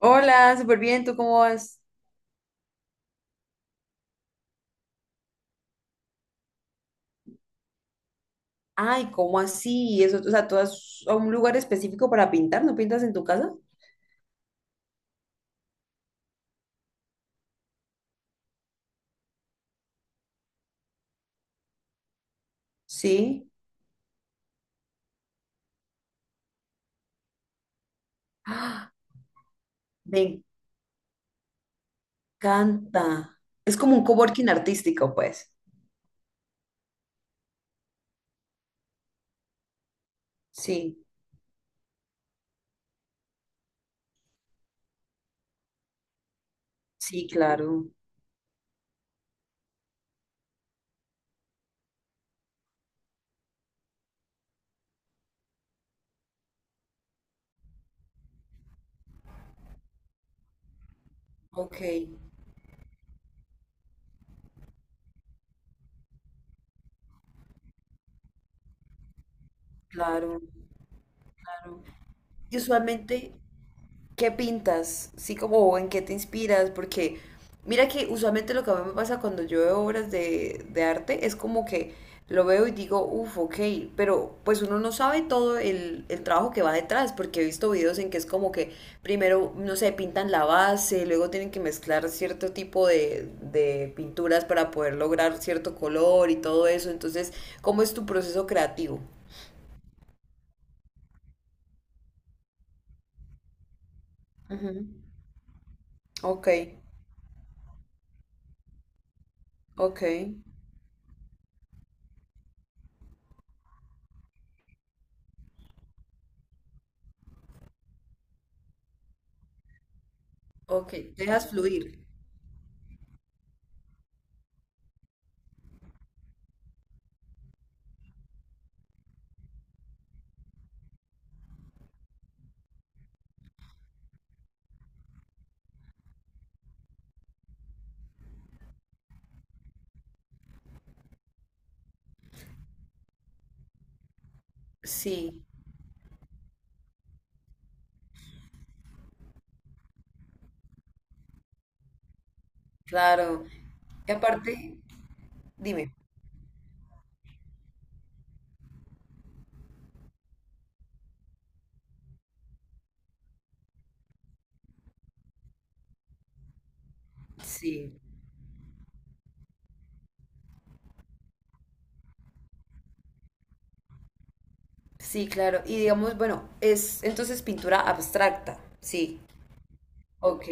Hola, súper bien, ¿tú cómo vas? Ay, ¿cómo así? Eso, o sea, ¿tú vas a un lugar específico para pintar? ¿No pintas en tu casa? Sí. ¡Ah! Me encanta. Es como un coworking artístico, pues. Sí, sí, claro. Ok, claro. Y usualmente, ¿qué pintas? Sí, como o en qué te inspiras, porque mira que usualmente lo que a mí me pasa cuando yo veo obras de arte es como que lo veo y digo, uff, ok, pero pues uno no sabe todo el trabajo que va detrás, porque he visto videos en que es como que primero, no sé, pintan la base, luego tienen que mezclar cierto tipo de pinturas para poder lograr cierto color y todo eso, entonces, ¿cómo es tu proceso creativo? Ujú. Ok, ok, ok, dejas fluir. Sí, claro. Y aparte, dime. Sí, sí, claro. Y digamos, bueno, es entonces pintura abstracta. Sí, ok.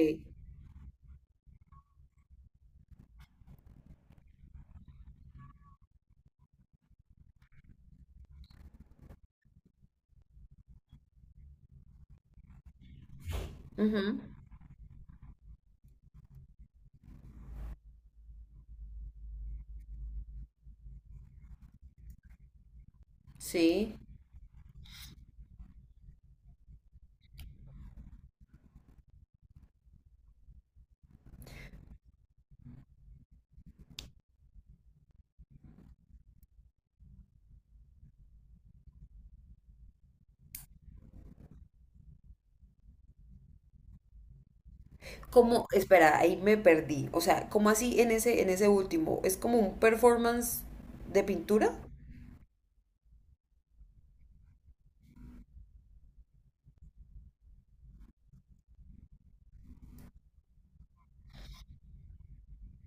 Ujú, sí. ¿Cómo? Espera, ahí me perdí. O sea, ¿cómo así en ese último? ¿Es como un performance de pintura?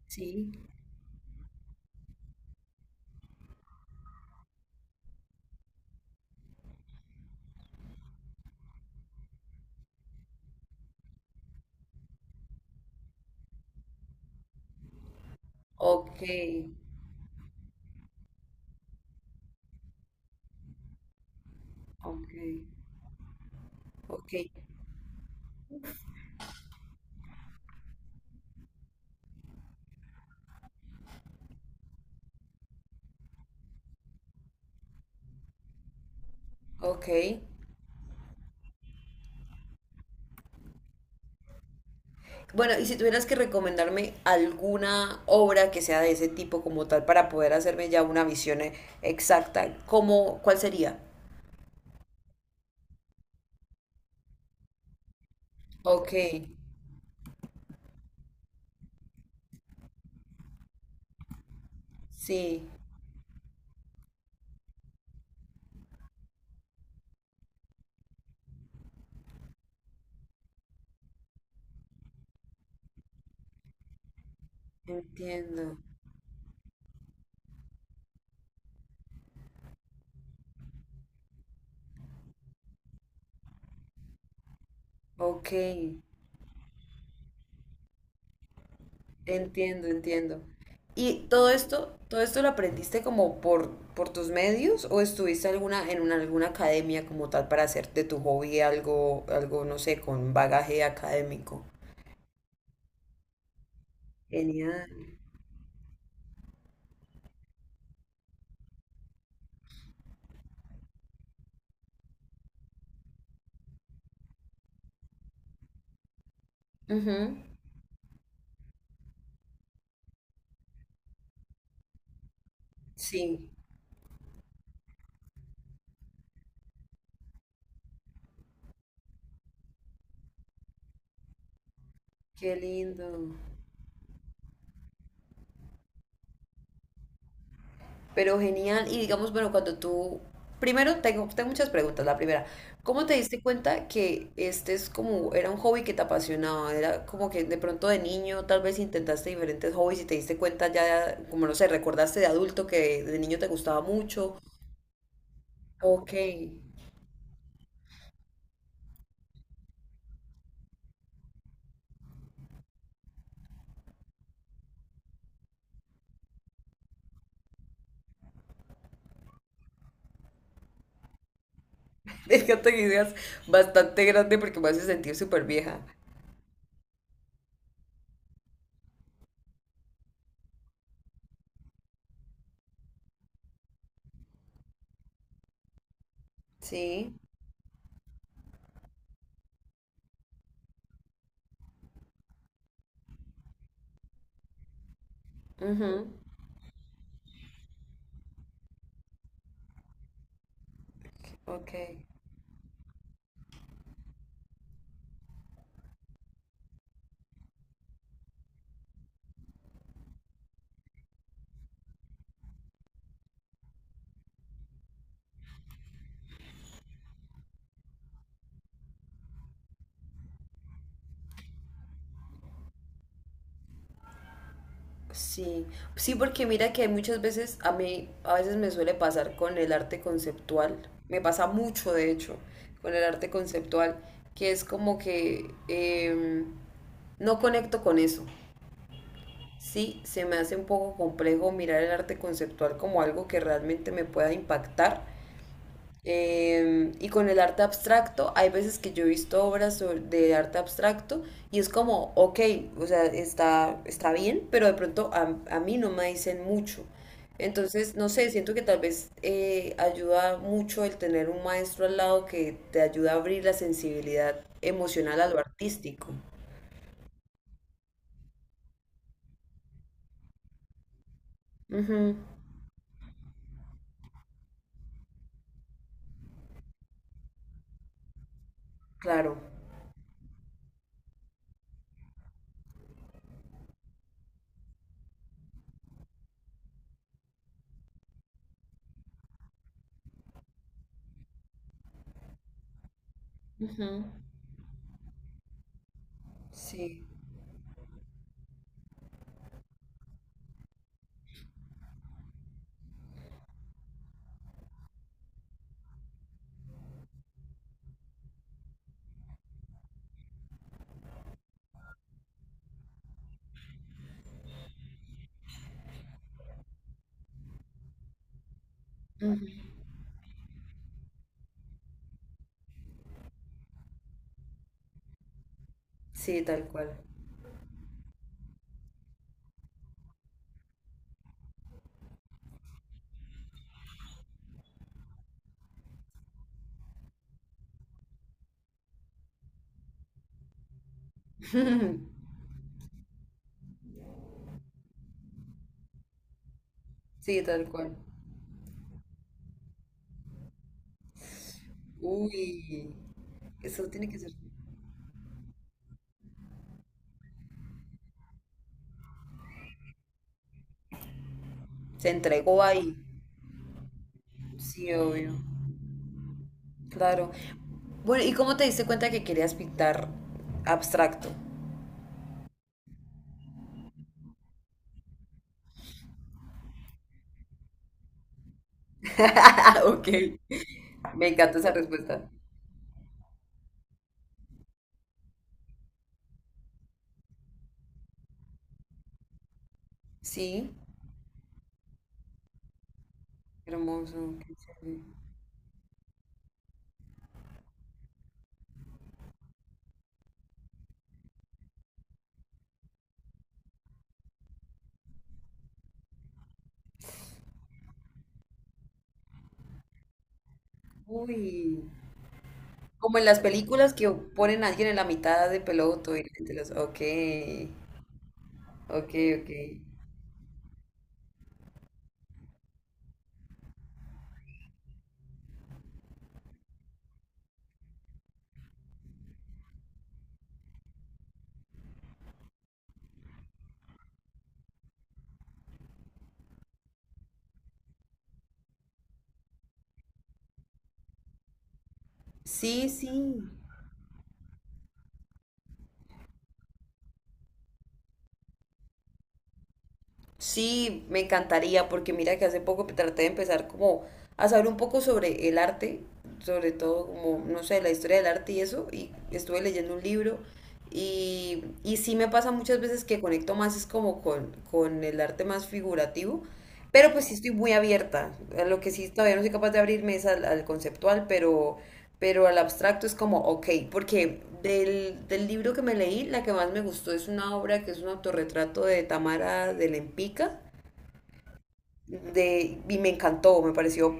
Sí. Ok, ok, ok, ok. Bueno, y si tuvieras que recomendarme alguna obra que sea de ese tipo como tal para poder hacerme ya una visión exacta, ¿cómo, cuál sería? Ok, sí, entiendo. Ok, entiendo, entiendo. ¿Y todo esto lo aprendiste como por tus medios o estuviste alguna, en una, alguna academia como tal para hacer de tu hobby algo, algo, no sé, con bagaje académico? Genial. Ujú, sí, qué lindo. Pero genial. Y digamos, bueno, cuando tú... Primero, tengo, tengo muchas preguntas. La primera, ¿cómo te diste cuenta que este es como, era un hobby que te apasionaba? Era como que de pronto de niño tal vez intentaste diferentes hobbies y te diste cuenta ya, como no sé, recordaste de adulto que de niño te gustaba mucho. Ok. Déjate que digas bastante grande porque me hace sentir súper vieja. Sí. Ujú. Ok. Sí, sí, porque mira que muchas veces a mí, a veces me suele pasar con el arte conceptual, me pasa mucho de hecho, con el arte conceptual, que es como que no conecto con eso. Sí, se me hace un poco complejo mirar el arte conceptual como algo que realmente me pueda impactar, y con el arte abstracto, hay veces que yo he visto de arte abstracto y es como, ok, o sea, está, está bien, pero de pronto a mí no me dicen mucho. Entonces, no sé, siento que tal vez ayuda mucho el tener un maestro al lado que te ayuda a abrir la sensibilidad emocional a lo artístico. Ujú, claro. Ujú, sí, sí, tal cual. Sí, tal cual. Uy, eso tiene que ser. Se entregó ahí. Sí, obvio. Claro. Bueno, ¿y cómo te diste cuenta que querías pintar abstracto? Ok. Me encanta esa respuesta. Sí, hermoso, qué chévere. Uy. Como en las películas que ponen a alguien en la mitad de peloto y la gente los... Ok, ok, ok. Sí, sí. Sí, me encantaría, porque mira que hace poco traté de empezar como a saber un poco sobre el arte, sobre todo como, no sé, la historia del arte y eso, y estuve leyendo un libro y sí me pasa muchas veces que conecto más es como con el arte más figurativo, pero pues sí estoy muy abierta. A lo que sí todavía no soy capaz de abrirme es al, al conceptual, pero al abstracto es como, ok, porque del libro que me leí, la que más me gustó es una obra que es un autorretrato de Tamara de Lempica, de, y me encantó, me pareció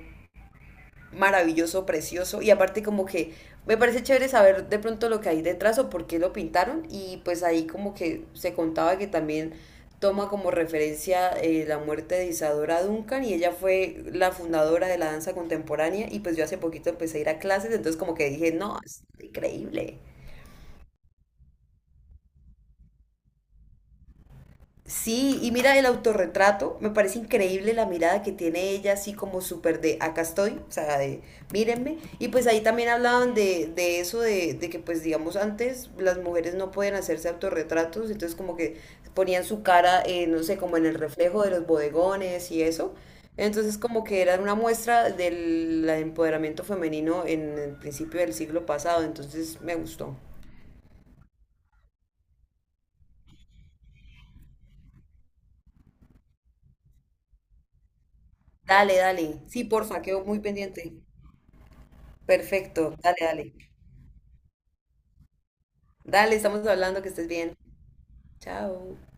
maravilloso, precioso y aparte como que me parece chévere saber de pronto lo que hay detrás o por qué lo pintaron y pues ahí como que se contaba que también toma como referencia la muerte de Isadora Duncan y ella fue la fundadora de la danza contemporánea y pues yo hace poquito empecé a ir a clases, entonces como que dije, no, es increíble. Sí, y mira el autorretrato, me parece increíble la mirada que tiene ella, así como súper de acá estoy, o sea, de mírenme. Y pues ahí también hablaban de eso, de que pues digamos antes las mujeres no pueden hacerse autorretratos, entonces como que ponían su cara, no sé, como en el reflejo de los bodegones y eso. Entonces como que era una muestra del empoderamiento femenino en el principio del siglo pasado, entonces me gustó. Dale, dale. Sí, porfa, quedo muy pendiente. Perfecto, dale, dale. Dale, estamos hablando, que estés bien. Chao.